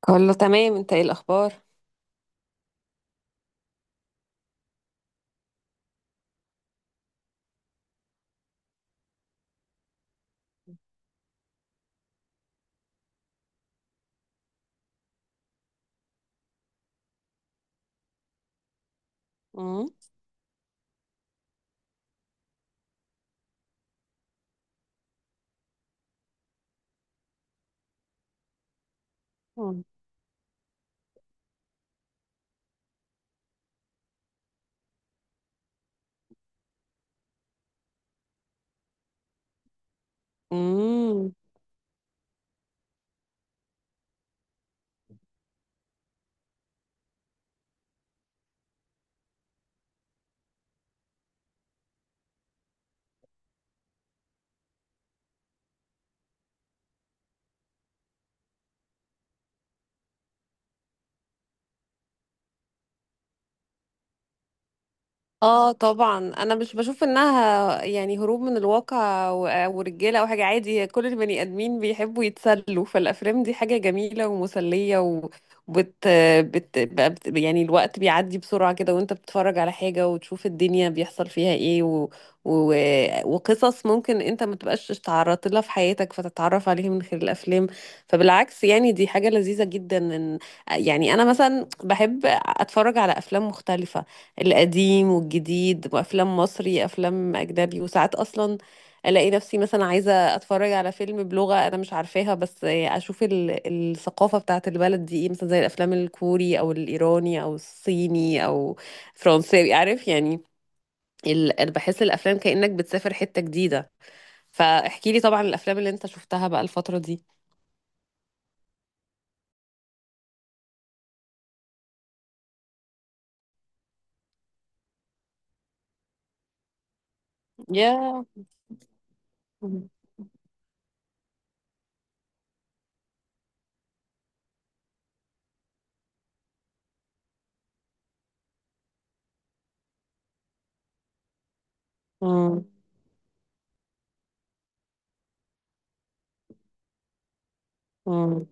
كله تمام، انت ايه الاخبار؟ امم. اه طبعا، انا مش بشوف انها يعني هروب من الواقع ورجاله او حاجه عادي. كل البني ادمين بيحبوا يتسلوا، فالافلام دي حاجه جميله ومسليه. وبت بت بت يعني الوقت بيعدي بسرعه كده، وانت بتتفرج على حاجه وتشوف الدنيا بيحصل فيها ايه و... وقصص ممكن انت ما تبقاش اتعرضت لها في حياتك، فتتعرف عليها من خلال الافلام. فبالعكس يعني دي حاجه لذيذه جدا. ان يعني انا مثلا بحب اتفرج على افلام مختلفه، القديم والجديد، وافلام مصري، افلام اجنبي. وساعات اصلا الاقي نفسي مثلا عايزه اتفرج على فيلم بلغه انا مش عارفاها، بس اشوف الثقافه بتاعه البلد دي ايه، مثلا زي الافلام الكوري او الايراني او الصيني او فرنساوي، عارف يعني. انا بحس الافلام كانك بتسافر حته جديده. فاحكي لي طبعا الافلام اللي انت شفتها بقى الفتره دي. يا مم. مم. مم.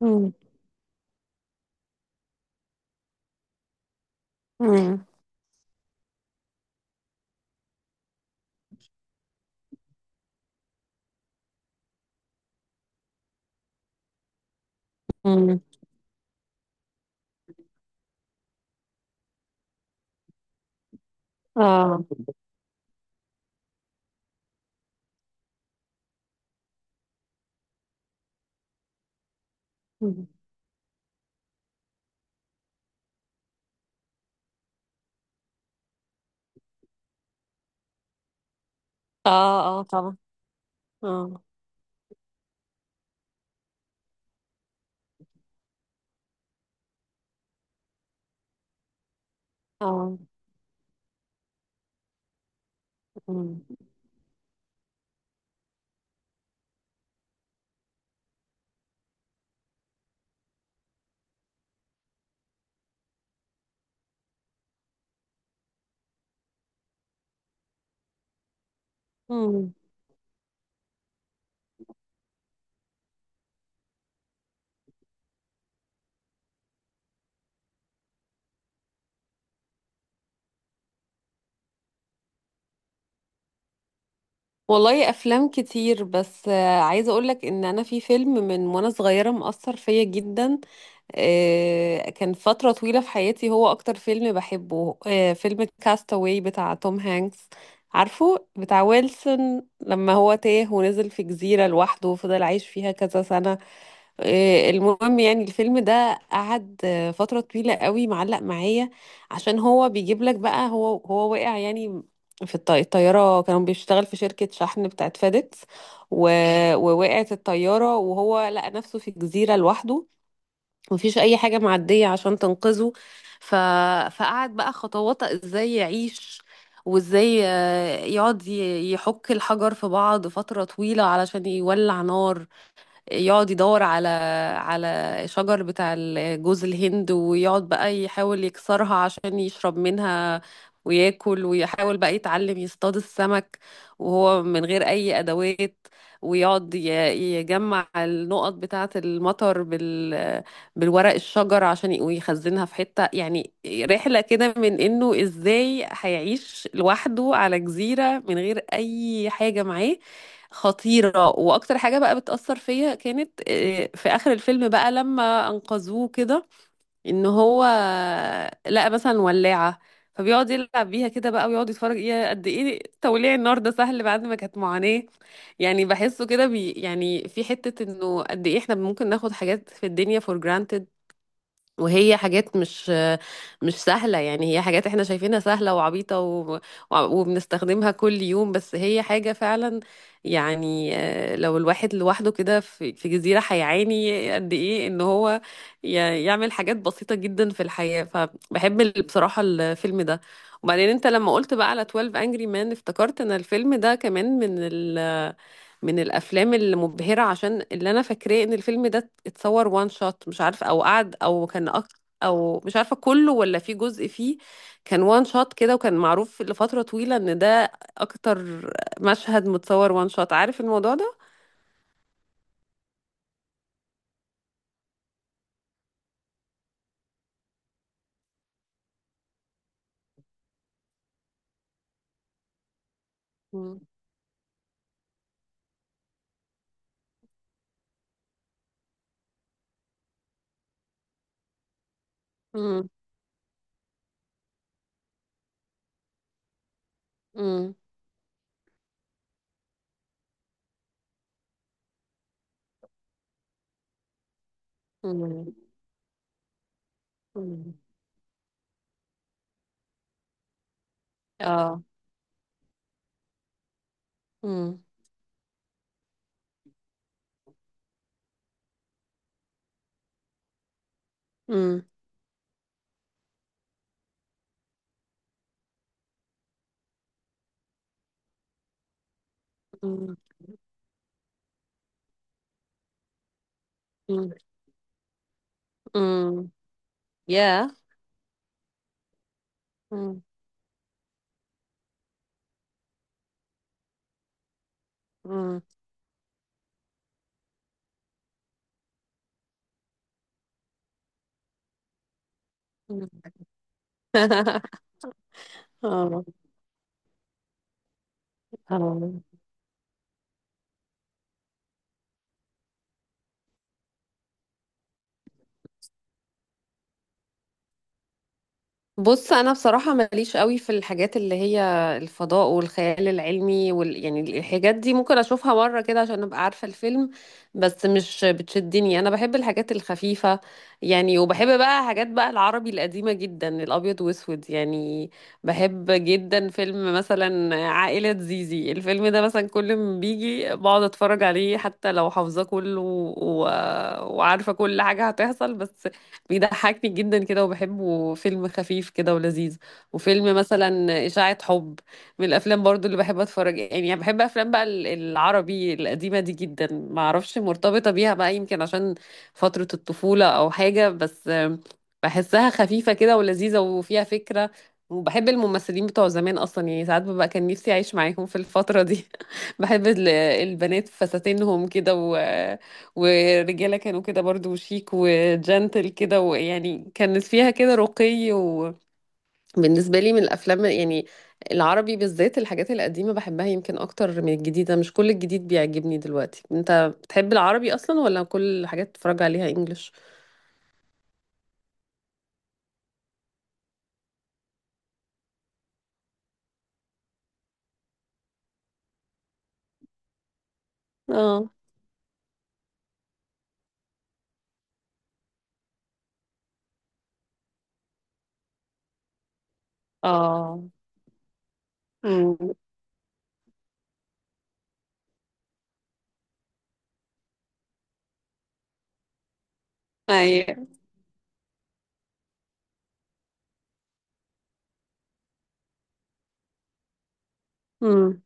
مم. مم. مم. اه. اه. اه طبعا. اه. اه. مم. مم. والله افلام كتير، بس عايزه اقولك ان انا في فيلم من وانا صغيره مأثر فيا جدا. كان فترة طويلة في حياتي هو أكتر فيلم بحبه. فيلم كاستاوي بتاع توم هانكس، عارفه بتاع ويلسون، لما هو تاه ونزل في جزيرة لوحده وفضل عايش فيها كذا سنة. المهم يعني الفيلم ده قعد فترة طويلة قوي معلق معايا. عشان هو بيجيب لك بقى، هو وقع يعني في الطيارة. كانوا بيشتغل في شركة شحن بتاعت فيديكس، و... ووقعت الطيارة وهو لقى نفسه في جزيرة لوحده، مفيش اي حاجه معديه عشان تنقذه. ف... فقعد بقى خطوات ازاي يعيش، وازاي يقعد يحك الحجر في بعض فتره طويله علشان يولع نار. يقعد يدور على على شجر بتاع جوز الهند، ويقعد بقى يحاول يكسرها عشان يشرب منها وياكل، ويحاول بقى يتعلم يصطاد السمك، وهو من غير أي أدوات. ويقعد يجمع النقط بتاعة المطر بالورق الشجر عشان ويخزنها في حتة. يعني رحلة كده من إنه إزاي هيعيش لوحده على جزيرة من غير أي حاجة معاه، خطيرة. وأكتر حاجة بقى بتأثر فيا كانت في آخر الفيلم بقى لما أنقذوه كده، إن هو لقى مثلا ولاعة، فبيقعد يلعب بيها كده بقى، ويقعد يتفرج ايه قد ايه توليع النار ده سهل بعد ما كانت معاناة. يعني بحسه كده بي يعني في حتة انه قد ايه احنا ممكن ناخد حاجات في الدنيا for granted، وهي حاجات مش سهلة. يعني هي حاجات احنا شايفينها سهلة وعبيطة وبنستخدمها كل يوم، بس هي حاجة فعلا يعني. لو الواحد لوحده كده في في جزيرة هيعاني قد ايه ان هو ي... يعمل حاجات بسيطة جدا في الحياة. فبحب بصراحة الفيلم ده. وبعدين انت لما قلت بقى على 12 Angry Men افتكرت ان الفيلم ده كمان من من الافلام المبهره. عشان اللي انا فاكراه ان الفيلم ده اتصور وان شوت، مش عارف او قعد او كان او مش عارفه كله ولا في جزء فيه كان وان شوت كده، وكان معروف لفتره طويله ان ده اكتر مشهد متصور وان شوت، عارف الموضوع ده. مم. مم. مم. مم. مم. اه. مم. مم. مم. مم. مم. يا مم. مم. مم. اه. آه. بص انا بصراحه ماليش قوي في الحاجات اللي هي الفضاء والخيال العلمي يعني الحاجات دي ممكن اشوفها مره كده عشان ابقى عارفه الفيلم، بس مش بتشدني. انا بحب الحاجات الخفيفه يعني، وبحب بقى حاجات بقى العربي القديمه جدا، الابيض واسود يعني. بحب جدا فيلم مثلا عائله زيزي، الفيلم ده مثلا كل ما بيجي بقعد اتفرج عليه حتى لو حافظاه كله وعارفه كل حاجه هتحصل، بس بيضحكني جدا كده وبحبه، فيلم خفيف كده ولذيذ. وفيلم مثلا إشاعة حب، من الأفلام برضو اللي بحب أتفرج. يعني بحب أفلام بقى العربي القديمة دي جدا، ما أعرفش مرتبطة بيها بقى يمكن عشان فترة الطفولة أو حاجة، بس بحسها خفيفة كده ولذيذة وفيها فكرة. وبحب الممثلين بتوع زمان أصلا. يعني ساعات ببقى كان نفسي أعيش معاهم في الفترة دي. بحب البنات فساتينهم كده، والرجالة كانوا كده برضو شيك وجنتل كده، ويعني كانت فيها كده رقي. وبالنسبة لي من الأفلام يعني العربي بالذات الحاجات القديمة بحبها يمكن أكتر من الجديدة، مش كل الجديد بيعجبني دلوقتي. أنت بتحب العربي أصلا ولا كل الحاجات بتتفرج عليها إنجليش؟ اه. اه. امم. ايوه. امم.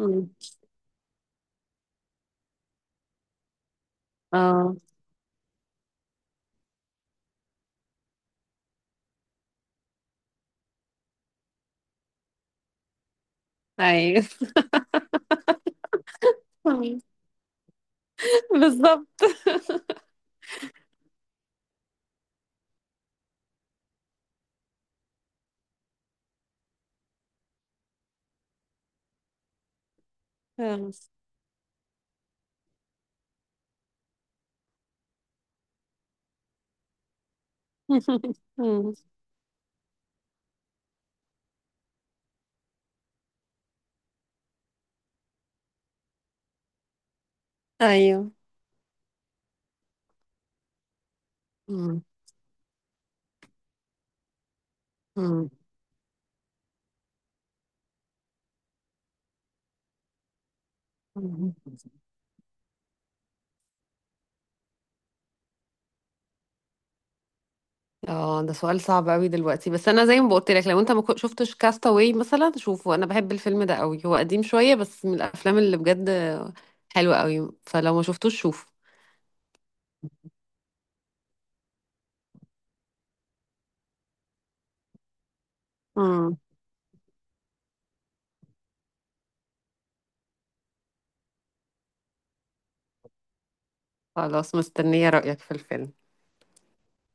امم. اه. ايوه. أمم. بالظبط. آه. أمم. ايوه. أمم. أمم. اه، ده سؤال صعب قوي دلوقتي. بس انا زي ما قلت لك، لو انت ما شفتش كاستاوي مثلا شوفه، انا بحب الفيلم ده قوي. هو قديم شويه، بس من الافلام اللي بجد حلوه قوي. فلو ما شفتوش شوفه. امم. خلاص، مستنيه رايك في الفيلم.